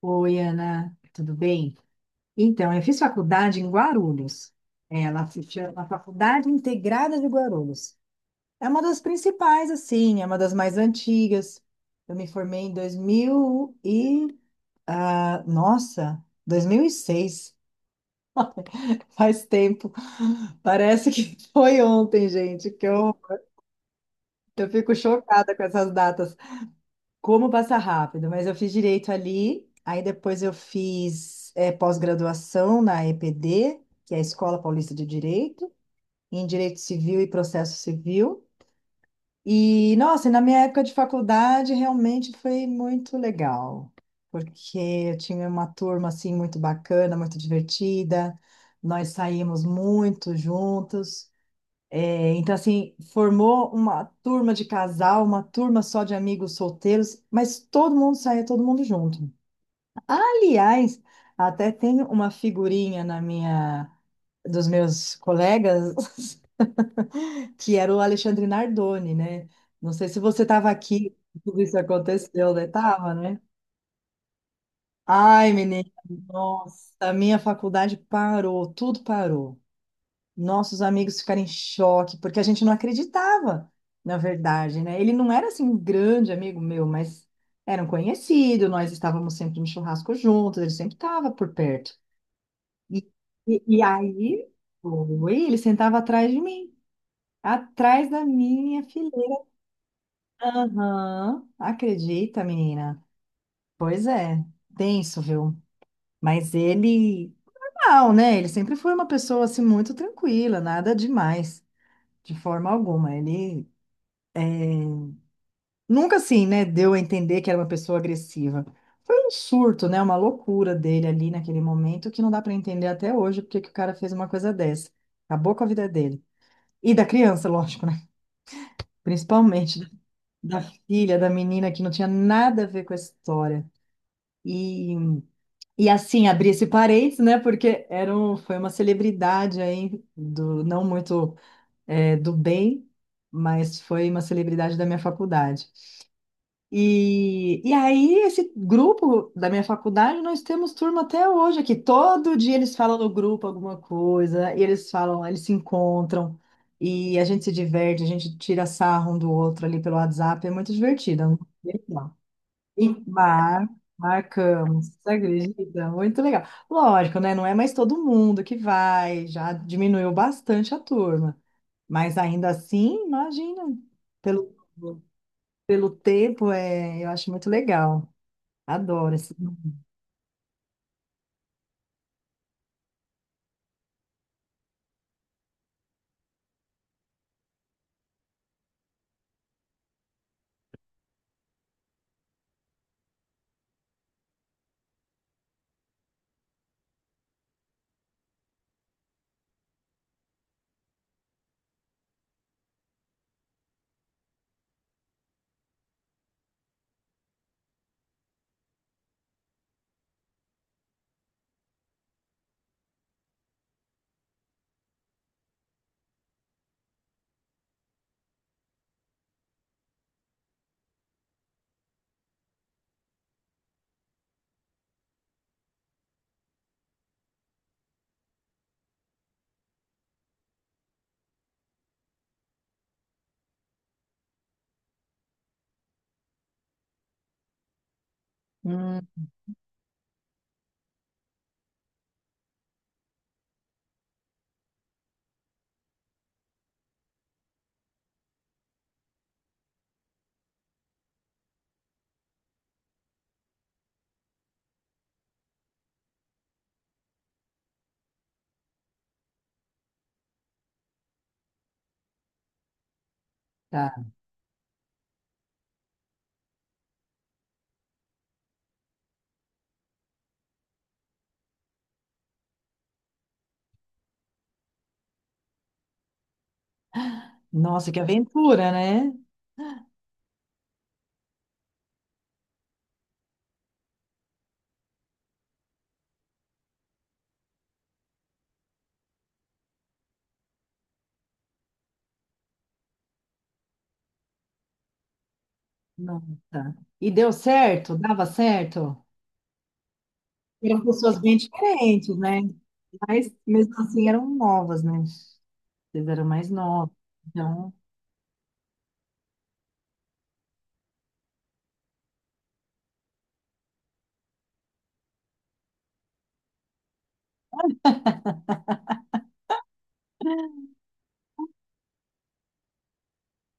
Oi, Ana, tudo bem? Então, eu fiz faculdade em Guarulhos. Ela se chama Faculdade Integrada de Guarulhos. É uma das principais, assim, é uma das mais antigas. Eu me formei em 2000 e... ah, nossa, 2006. Faz tempo. Parece que foi ontem, gente, que eu fico chocada com essas datas. Como passar rápido, mas eu fiz direito ali, aí depois eu fiz pós-graduação na EPD, que é a Escola Paulista de Direito, em Direito Civil e Processo Civil. E, nossa, e na minha época de faculdade realmente foi muito legal, porque eu tinha uma turma assim muito bacana, muito divertida, nós saímos muito juntos. É. Então, assim, formou uma turma de casal, uma turma só de amigos solteiros, mas todo mundo saía, todo mundo junto. Aliás, até tem uma figurinha na minha, dos meus colegas, que era o Alexandre Nardoni, né? Não sei se você estava aqui, tudo isso aconteceu, né? Tava, né? Ai, menina, nossa, a minha faculdade parou, tudo parou. Nossos amigos ficaram em choque, porque a gente não acreditava, na verdade, né? Ele não era assim um grande amigo meu, mas era um conhecido, nós estávamos sempre no churrasco juntos, ele sempre estava por perto. E, e aí, foi, ele sentava atrás de mim, atrás da minha fileira. Aham, acredita, menina? Pois é, tenso, viu? Mas ele, não, né? Ele sempre foi uma pessoa assim muito tranquila, nada demais, de forma alguma. Ele nunca assim, né, deu a entender que era uma pessoa agressiva. Foi um surto, né, uma loucura dele ali naquele momento que não dá para entender até hoje porque que o cara fez uma coisa dessa. Acabou com a vida dele. E da criança, lógico, né? Principalmente da filha, da menina que não tinha nada a ver com a história. E, e assim, abrir esse parênteses, né, porque era um, foi uma celebridade aí, do, não muito do bem, mas foi uma celebridade da minha faculdade. E aí, esse grupo da minha faculdade, nós temos turma até hoje aqui. Todo dia eles falam no grupo alguma coisa, e eles falam, eles se encontram, e a gente se diverte, a gente tira sarro um do outro ali pelo WhatsApp, é muito divertido. É muito legal. E mar, Marcamos, você acredita? Muito legal. Lógico, né? Não é mais todo mundo que vai, já diminuiu bastante a turma, mas ainda assim, imagina, pelo. Pelo tempo, é, eu acho muito legal. Adoro esse. Hum, tá. Nossa, que aventura, né? Nossa. E deu certo? Dava certo? Eram pessoas bem diferentes, né? Mas mesmo assim eram novas, né? Vocês eram mais novos. Então,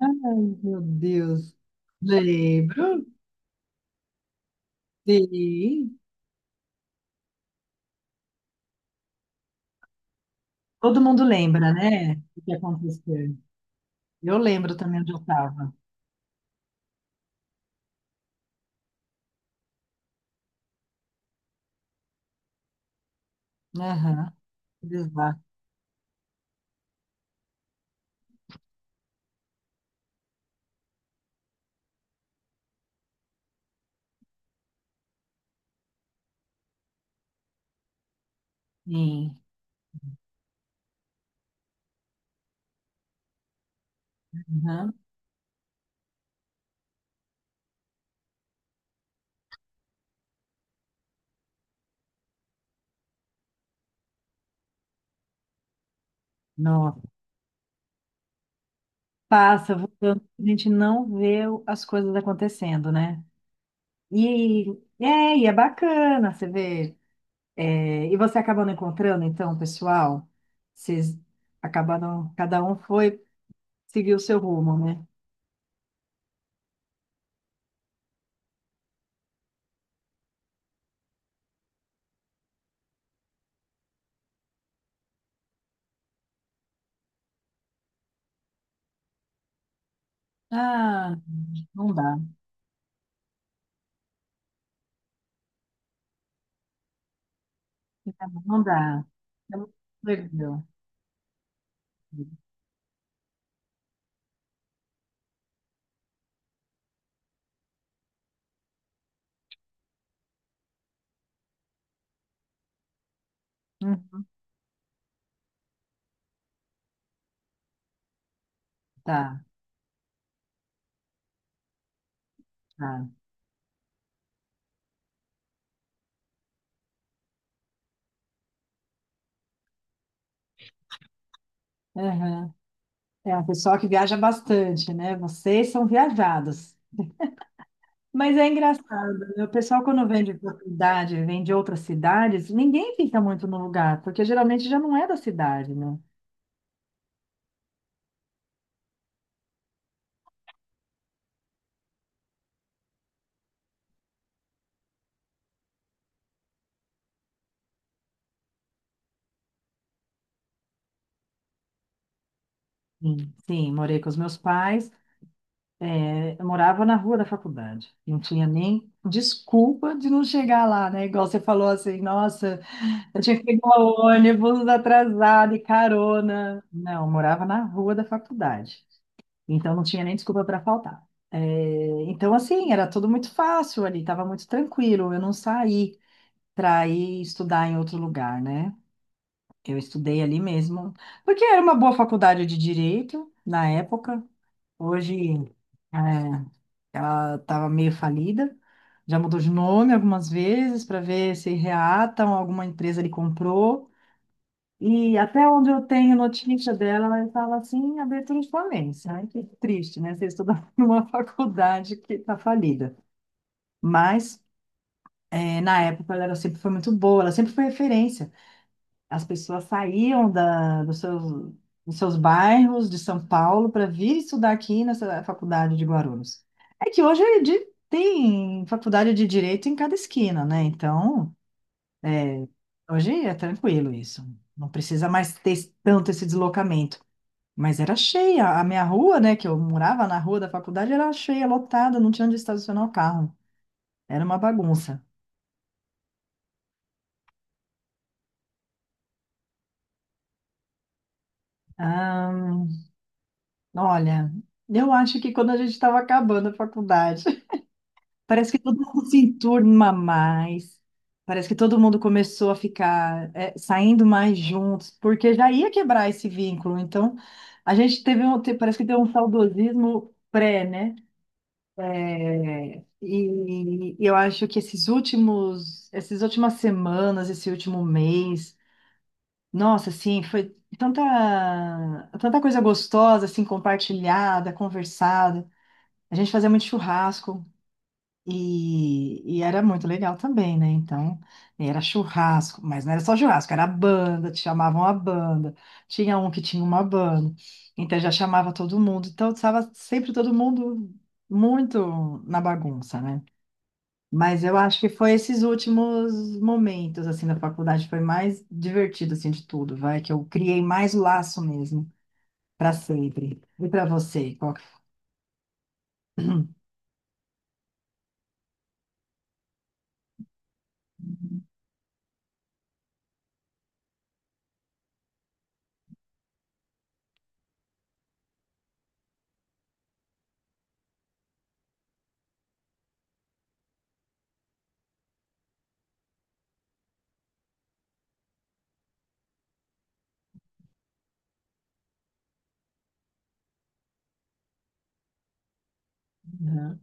ai, meu Deus. Lembro. Sim. Todo mundo lembra, né? O que aconteceu. Eu lembro também onde eu estava. Aham. Exato. Sim. Aham. Nossa. Passa, voltando, a gente não vê o- as coisas acontecendo, né? E e é bacana, você vê. É, e você acabando encontrando, então, o pessoal, vocês acabaram, cada um foi seguir o seu rumo, né? Ah, não dá, não dá. É muito legal. Hum, Tá, tá. Aham. É um pessoal que viaja bastante, né? Vocês são viajados. Mas é engraçado, né? O pessoal, quando vem de outra cidade, vem de outras cidades, ninguém fica muito no lugar, porque geralmente já não é da cidade, né? Sim, sim, morei com os meus pais, é, eu morava na rua da faculdade, não tinha nem desculpa de não chegar lá, né? Igual você falou assim, nossa, eu tinha que pegar o ônibus atrasado e carona. Não, eu morava na rua da faculdade, então não tinha nem desculpa para faltar. É, então, assim, era tudo muito fácil ali, estava muito tranquilo, eu não saí para ir estudar em outro lugar, né? Eu estudei ali mesmo, porque era uma boa faculdade de direito na época. Hoje, é, ela estava meio falida, já mudou de nome algumas vezes para ver se reatam, alguma empresa lhe comprou. E até onde eu tenho notícia dela, ela estava assim, em abertura de falência. Ai, que triste, né? Você estudar numa faculdade que está falida. Mas, é, na época, ela era- sempre foi muito boa, ela sempre foi referência. As pessoas saíam da, dos seus bairros de São Paulo para vir estudar aqui nessa faculdade de Guarulhos. É que hoje é de- tem faculdade de direito em cada esquina, né? Então, hoje é tranquilo isso. Não precisa mais ter esse- tanto esse deslocamento. Mas era cheia. A minha rua, né, que eu morava na rua da faculdade, era cheia, lotada, não tinha onde estacionar o carro. Era uma bagunça. Ah, olha, eu acho que quando a gente estava acabando a faculdade. Parece que todo mundo se enturma mais. Parece que todo mundo começou a ficar é, saindo mais juntos, porque já ia quebrar esse vínculo. Então, a gente teve um, te- parece que teve um saudosismo pré, né? É, e, eu acho que esses últimos, essas últimas semanas, esse último mês, nossa, assim, foi tanta, tanta coisa gostosa, assim, compartilhada, conversada. A gente fazia muito churrasco. E era muito legal também, né? Então, era churrasco, mas não era só churrasco, era banda, te chamavam a banda. Tinha um que tinha uma banda, então já chamava todo mundo. Então, estava sempre todo mundo muito na bagunça, né? Mas eu acho que foi esses últimos momentos, assim, da faculdade, foi mais divertido, assim, de tudo, vai, que eu criei mais laço mesmo, para sempre. E para você, qual que... foi? Uhum.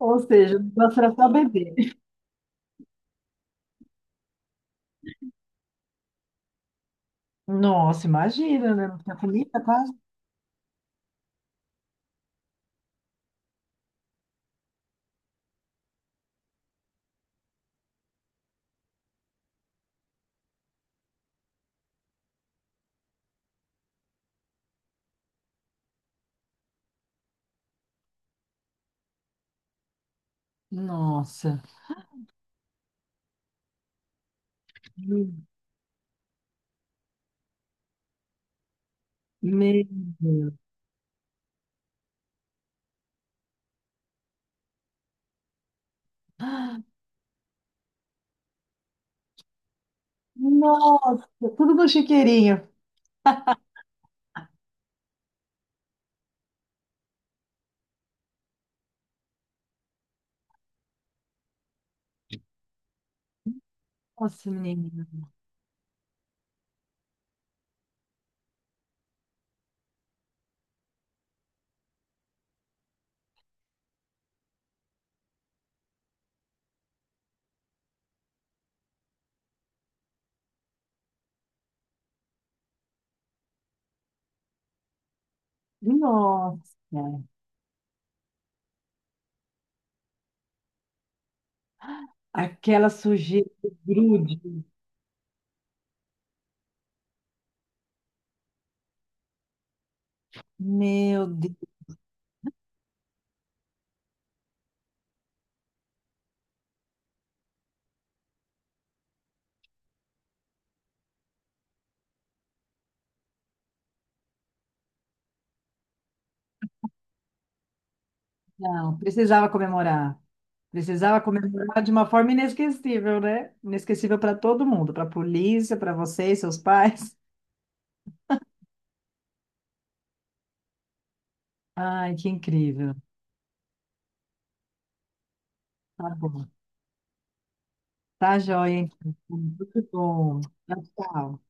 Ou seja, o negócio era só beber. Nossa, imagina, né? Não tinha comida quase. Nossa. Meu meu Deus. Nossa, tudo no chiqueirinho. Nossa, menina. Nossa. Aquela sujeira que grude. Meu Deus. Não, precisava comemorar. Precisava comemorar de uma forma inesquecível, né? Inesquecível para todo mundo, para a polícia, para vocês, seus pais. Ai, que incrível. Tá bom. Tá joia, hein? Muito bom. Tchau, tchau.